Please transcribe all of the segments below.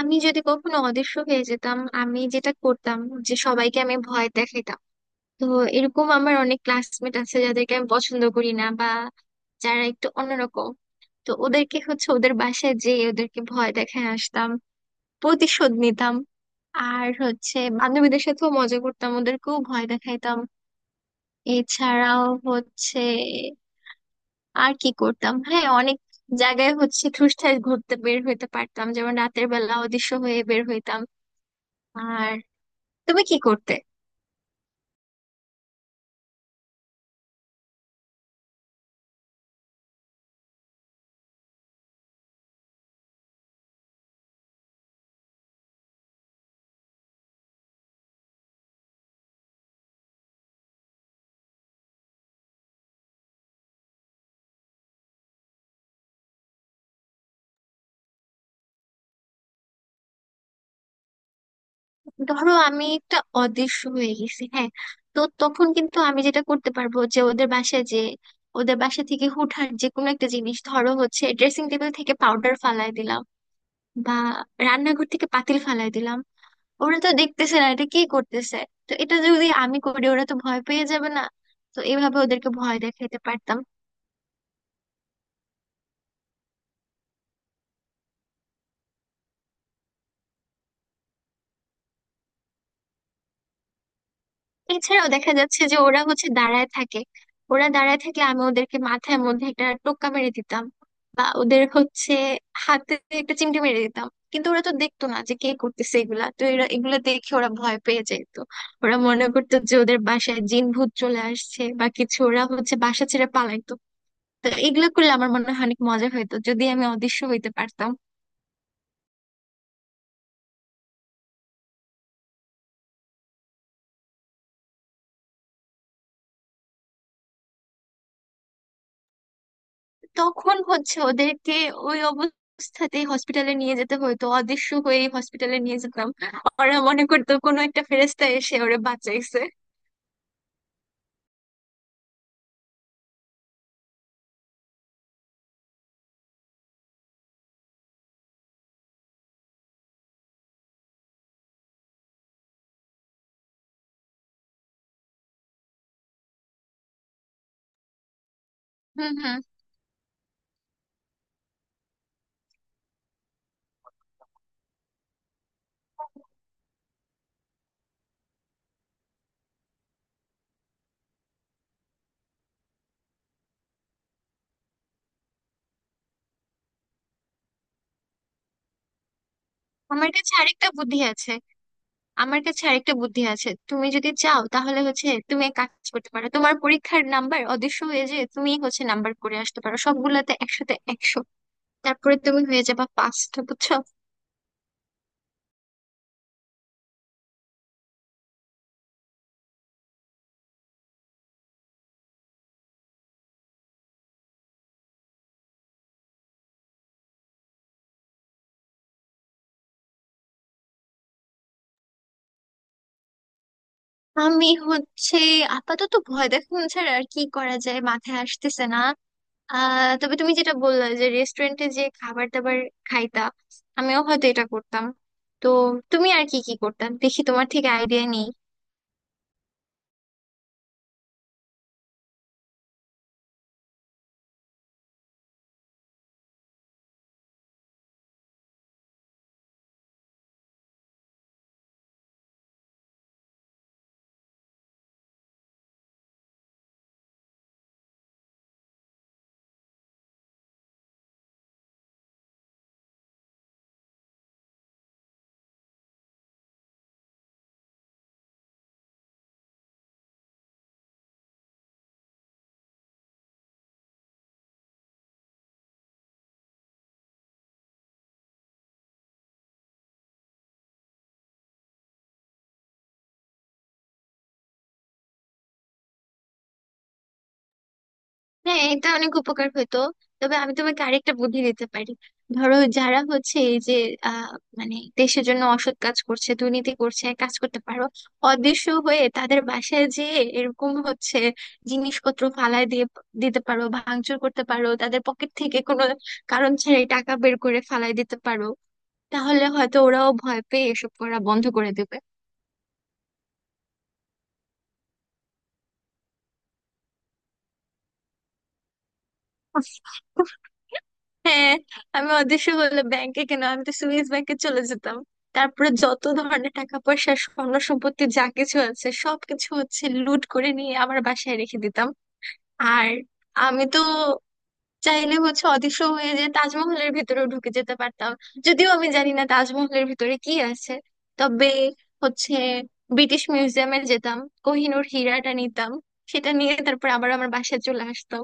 আমি যদি কখনো অদৃশ্য হয়ে যেতাম, আমি যেটা করতাম যে সবাইকে আমি ভয় দেখাতাম। তো এরকম আমার অনেক ক্লাসমেট আছে যাদেরকে আমি পছন্দ করি না, বা যারা একটু অন্যরকম। তো ওদেরকে ওদের বাসায় যেয়ে ওদেরকে ভয় দেখায় আসতাম, প্রতিশোধ নিতাম। আর বান্ধবীদের সাথেও মজা করতাম, ওদেরকেও ভয় দেখাইতাম। এছাড়াও আর কি করতাম, হ্যাঁ, অনেক জায়গায় ঠুসঠাস ঘুরতে বের হইতে পারতাম, যেমন রাতের বেলা অদৃশ্য হয়ে বের হইতাম। আর তুমি কি করতে? ধরো আমি একটা অদৃশ্য হয়ে গেছি, হ্যাঁ। তো তখন কিন্তু আমি যেটা করতে পারবো যে ওদের বাসায় যে ওদের বাসা থেকে হুটহাট যে কোনো একটা জিনিস, ধরো ড্রেসিং টেবিল থেকে পাউডার ফালাই দিলাম, বা রান্নাঘর থেকে পাতিল ফালাই দিলাম। ওরা তো দেখতেছে না এটা কি করতেছে। তো এটা যদি আমি করি ওরা তো ভয় পেয়ে যাবে না? তো এভাবে ওদেরকে ভয় দেখাইতে পারতাম। এছাড়াও দেখা যাচ্ছে যে ওরা দাঁড়ায় থাকে। ওরা দাঁড়ায় থাকলে আমি ওদেরকে মাথার মধ্যে একটা টোক্কা মেরে দিতাম, বা ওদের হাতে একটা চিমটি মেরে দিতাম। কিন্তু ওরা তো দেখতো না যে কে করতেছে এগুলা, তো এরা এগুলা দেখে ওরা ভয় পেয়ে যেত। ওরা মনে করতো যে ওদের বাসায় জিন ভূত চলে আসছে বা কিছু, ওরা বাসা ছেড়ে পালাইতো। তো এগুলো করলে আমার মনে হয় অনেক মজা হইতো, যদি আমি অদৃশ্য হইতে পারতাম। তখন ওদেরকে ওই অবস্থাতেই হসপিটালে নিয়ে যেতে হতো, অদৃশ্য হয়ে হসপিটালে নিয়ে যেতাম। ওরা মনে করতো কোনো একটা ফেরেস্তা এসে ওরা বাঁচাইছে। হুম, হুম। আমার কাছে আরেকটা বুদ্ধি আছে। আমার কাছে আরেকটা বুদ্ধি আছে, তুমি যদি চাও তাহলে তুমি এক কাজ করতে পারো, তোমার পরীক্ষার নাম্বার অদৃশ্য হয়ে যে তুমি নাম্বার করে আসতে পারো সবগুলাতে একশোতে একশো। তারপরে তুমি হয়ে যাবা পাঁচটা, বুঝছো? আমি আপাতত ভয় দেখানো ছাড়া আর কি করা যায় মাথায় আসতেছে না। তবে তুমি যেটা বললে যে রেস্টুরেন্টে যে খাবার দাবার খাইতা, আমিও হয়তো এটা করতাম। তো তুমি আর কি কি করতাম দেখি, তোমার থেকে আইডিয়া নেই। হ্যাঁ, এটা অনেক উপকার হতো। তবে আমি তোমাকে আরেকটা বুদ্ধি দিতে পারি। ধরো যারা হচ্ছে এই যে আহ মানে দেশের জন্য অসৎ কাজ করছে, দুর্নীতি করছে, এক কাজ করতে পারো, অদৃশ্য হয়ে তাদের বাসায় যেয়ে এরকম জিনিসপত্র ফালায় দিয়ে দিতে পারো, ভাঙচুর করতে পারো, তাদের পকেট থেকে কোনো কারণ ছাড়াই টাকা বের করে ফালায় দিতে পারো। তাহলে হয়তো ওরাও ভয় পেয়ে এসব করা বন্ধ করে দেবে। হ্যাঁ, আমি অদৃশ্য হলে ব্যাংকে কেন, আমি তো সুইস ব্যাংকে চলে যেতাম। তারপরে যত ধরনের টাকা পয়সা স্বর্ণ সম্পত্তি যা কিছু আছে সবকিছু লুট করে নিয়ে আমার বাসায় রেখে দিতাম। আর আমি তো চাইলে অদৃশ্য হয়ে যে তাজমহলের ভিতরেও ঢুকে যেতে পারতাম। যদিও আমি জানি না তাজমহলের ভিতরে কি আছে। তবে হচ্ছে ব্রিটিশ মিউজিয়ামে যেতাম, কোহিনূর হীরাটা নিতাম, সেটা নিয়ে তারপর আবার আমার বাসায় চলে আসতাম।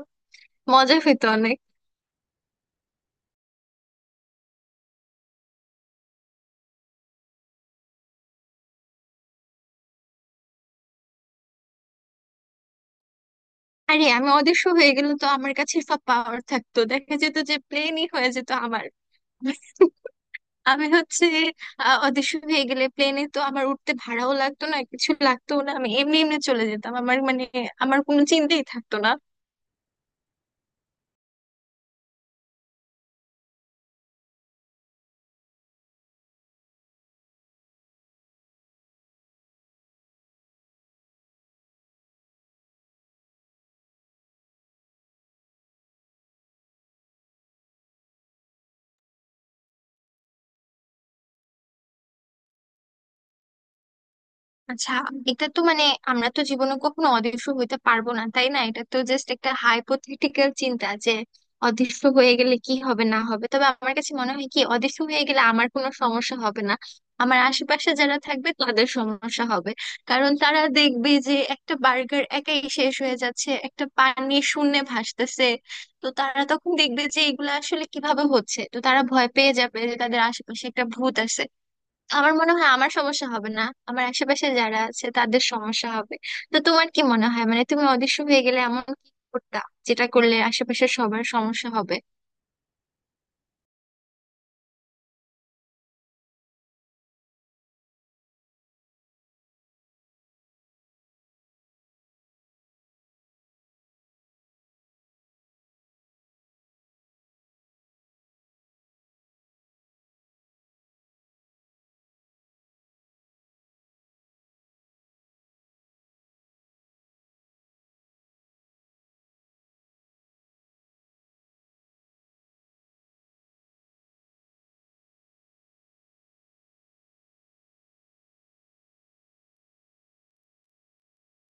মজা হইতো অনেক। আরে আমি অদৃশ্য হয়ে গেলে তো আমার কাছে সব পাওয়ার থাকতো, দেখা যেত যে প্লেনই হয়ে যেত আমার। আমি অদৃশ্য হয়ে গেলে প্লেনে তো আমার উঠতে ভাড়াও লাগতো না, কিছু লাগতো না, আমি এমনি এমনি চলে যেতাম। আমার মানে আমার কোনো চিন্তাই থাকতো না। আচ্ছা, এটা তো মানে আমরা তো জীবনে কখনো অদৃশ্য হইতে পারবো না, তাই না? এটা তো জাস্ট একটা হাইপোথেটিক্যাল চিন্তা যে অদৃশ্য হয়ে গেলে কি হবে না হবে। তবে আমার কাছে মনে হয় কি, অদৃশ্য হয়ে গেলে আমার কোনো সমস্যা হবে না, আমার আশেপাশে যারা থাকবে তাদের সমস্যা হবে। কারণ তারা দেখবে যে একটা বার্গার একাই শেষ হয়ে যাচ্ছে, একটা পানি শূন্যে ভাসতেছে। তো তারা তখন দেখবে যে এগুলো আসলে কিভাবে হচ্ছে, তো তারা ভয় পেয়ে যাবে যে তাদের আশেপাশে একটা ভূত আছে। আমার মনে হয় আমার সমস্যা হবে না, আমার আশেপাশে যারা আছে তাদের সমস্যা হবে। তো তোমার কি মনে হয়, মানে তুমি অদৃশ্য হয়ে গেলে এমন কি করতা যেটা করলে আশেপাশের সবার সমস্যা হবে?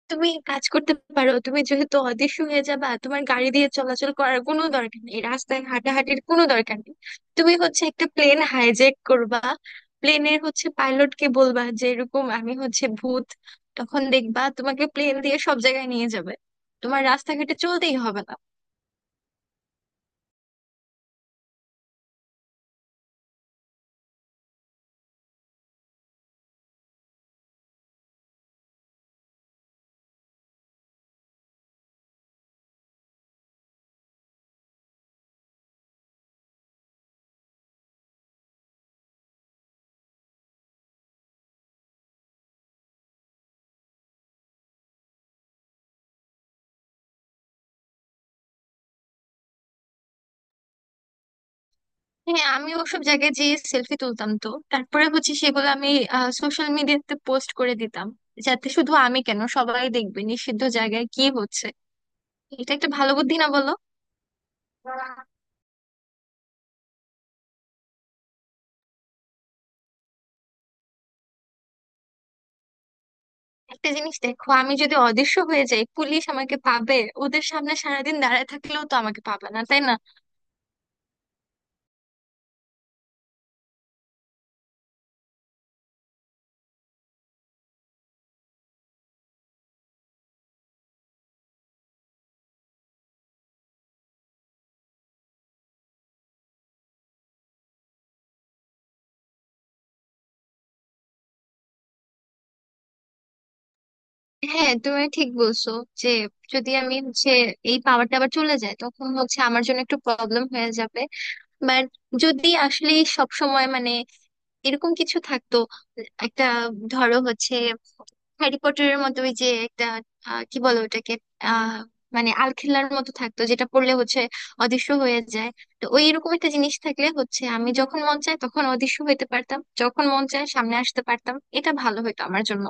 তুমি এক কাজ করতে পারো, তুমি যেহেতু অদৃশ্য হয়ে যাবা তোমার গাড়ি দিয়ে চলাচল করার কোনো দরকার নেই, রাস্তায় হাঁটাহাঁটির কোনো দরকার নেই। তুমি একটা প্লেন হাইজ্যাক করবা, প্লেনের পাইলটকে বলবা যে এরকম আমি ভূত। তখন দেখবা তোমাকে প্লেন দিয়ে সব জায়গায় নিয়ে যাবে, তোমার রাস্তাঘাটে চলতেই হবে না। হ্যাঁ, আমি ওসব জায়গায় যেয়ে সেলফি তুলতাম, তো তারপরে সেগুলো আমি সোশ্যাল মিডিয়াতে পোস্ট করে দিতাম, যাতে শুধু আমি কেন সবাই দেখবে নিষিদ্ধ জায়গায় কি হচ্ছে। এটা একটা ভালো বুদ্ধি না বলো? একটা জিনিস দেখো, আমি যদি অদৃশ্য হয়ে যাই পুলিশ আমাকে পাবে? ওদের সামনে সারাদিন দাঁড়ায় থাকলেও তো আমাকে পাবে না, তাই না? হ্যাঁ তুমি ঠিক বলছো যে যদি আমি এই পাওয়ারটা আবার চলে যায়, তখন আমার জন্য একটু প্রবলেম হয়ে যাবে। বাট যদি আসলে সব সময় মানে এরকম কিছু থাকতো, একটা, ধরো হ্যারি পটারের মতো ওই যে একটা কি বলো ওটাকে, আহ মানে আলখেল্লার মতো থাকতো যেটা পড়লে অদৃশ্য হয়ে যায়। তো ওই এরকম একটা জিনিস থাকলে আমি যখন মন চায় তখন অদৃশ্য হতে পারতাম, যখন মন চায় সামনে আসতে পারতাম, এটা ভালো হতো আমার জন্য।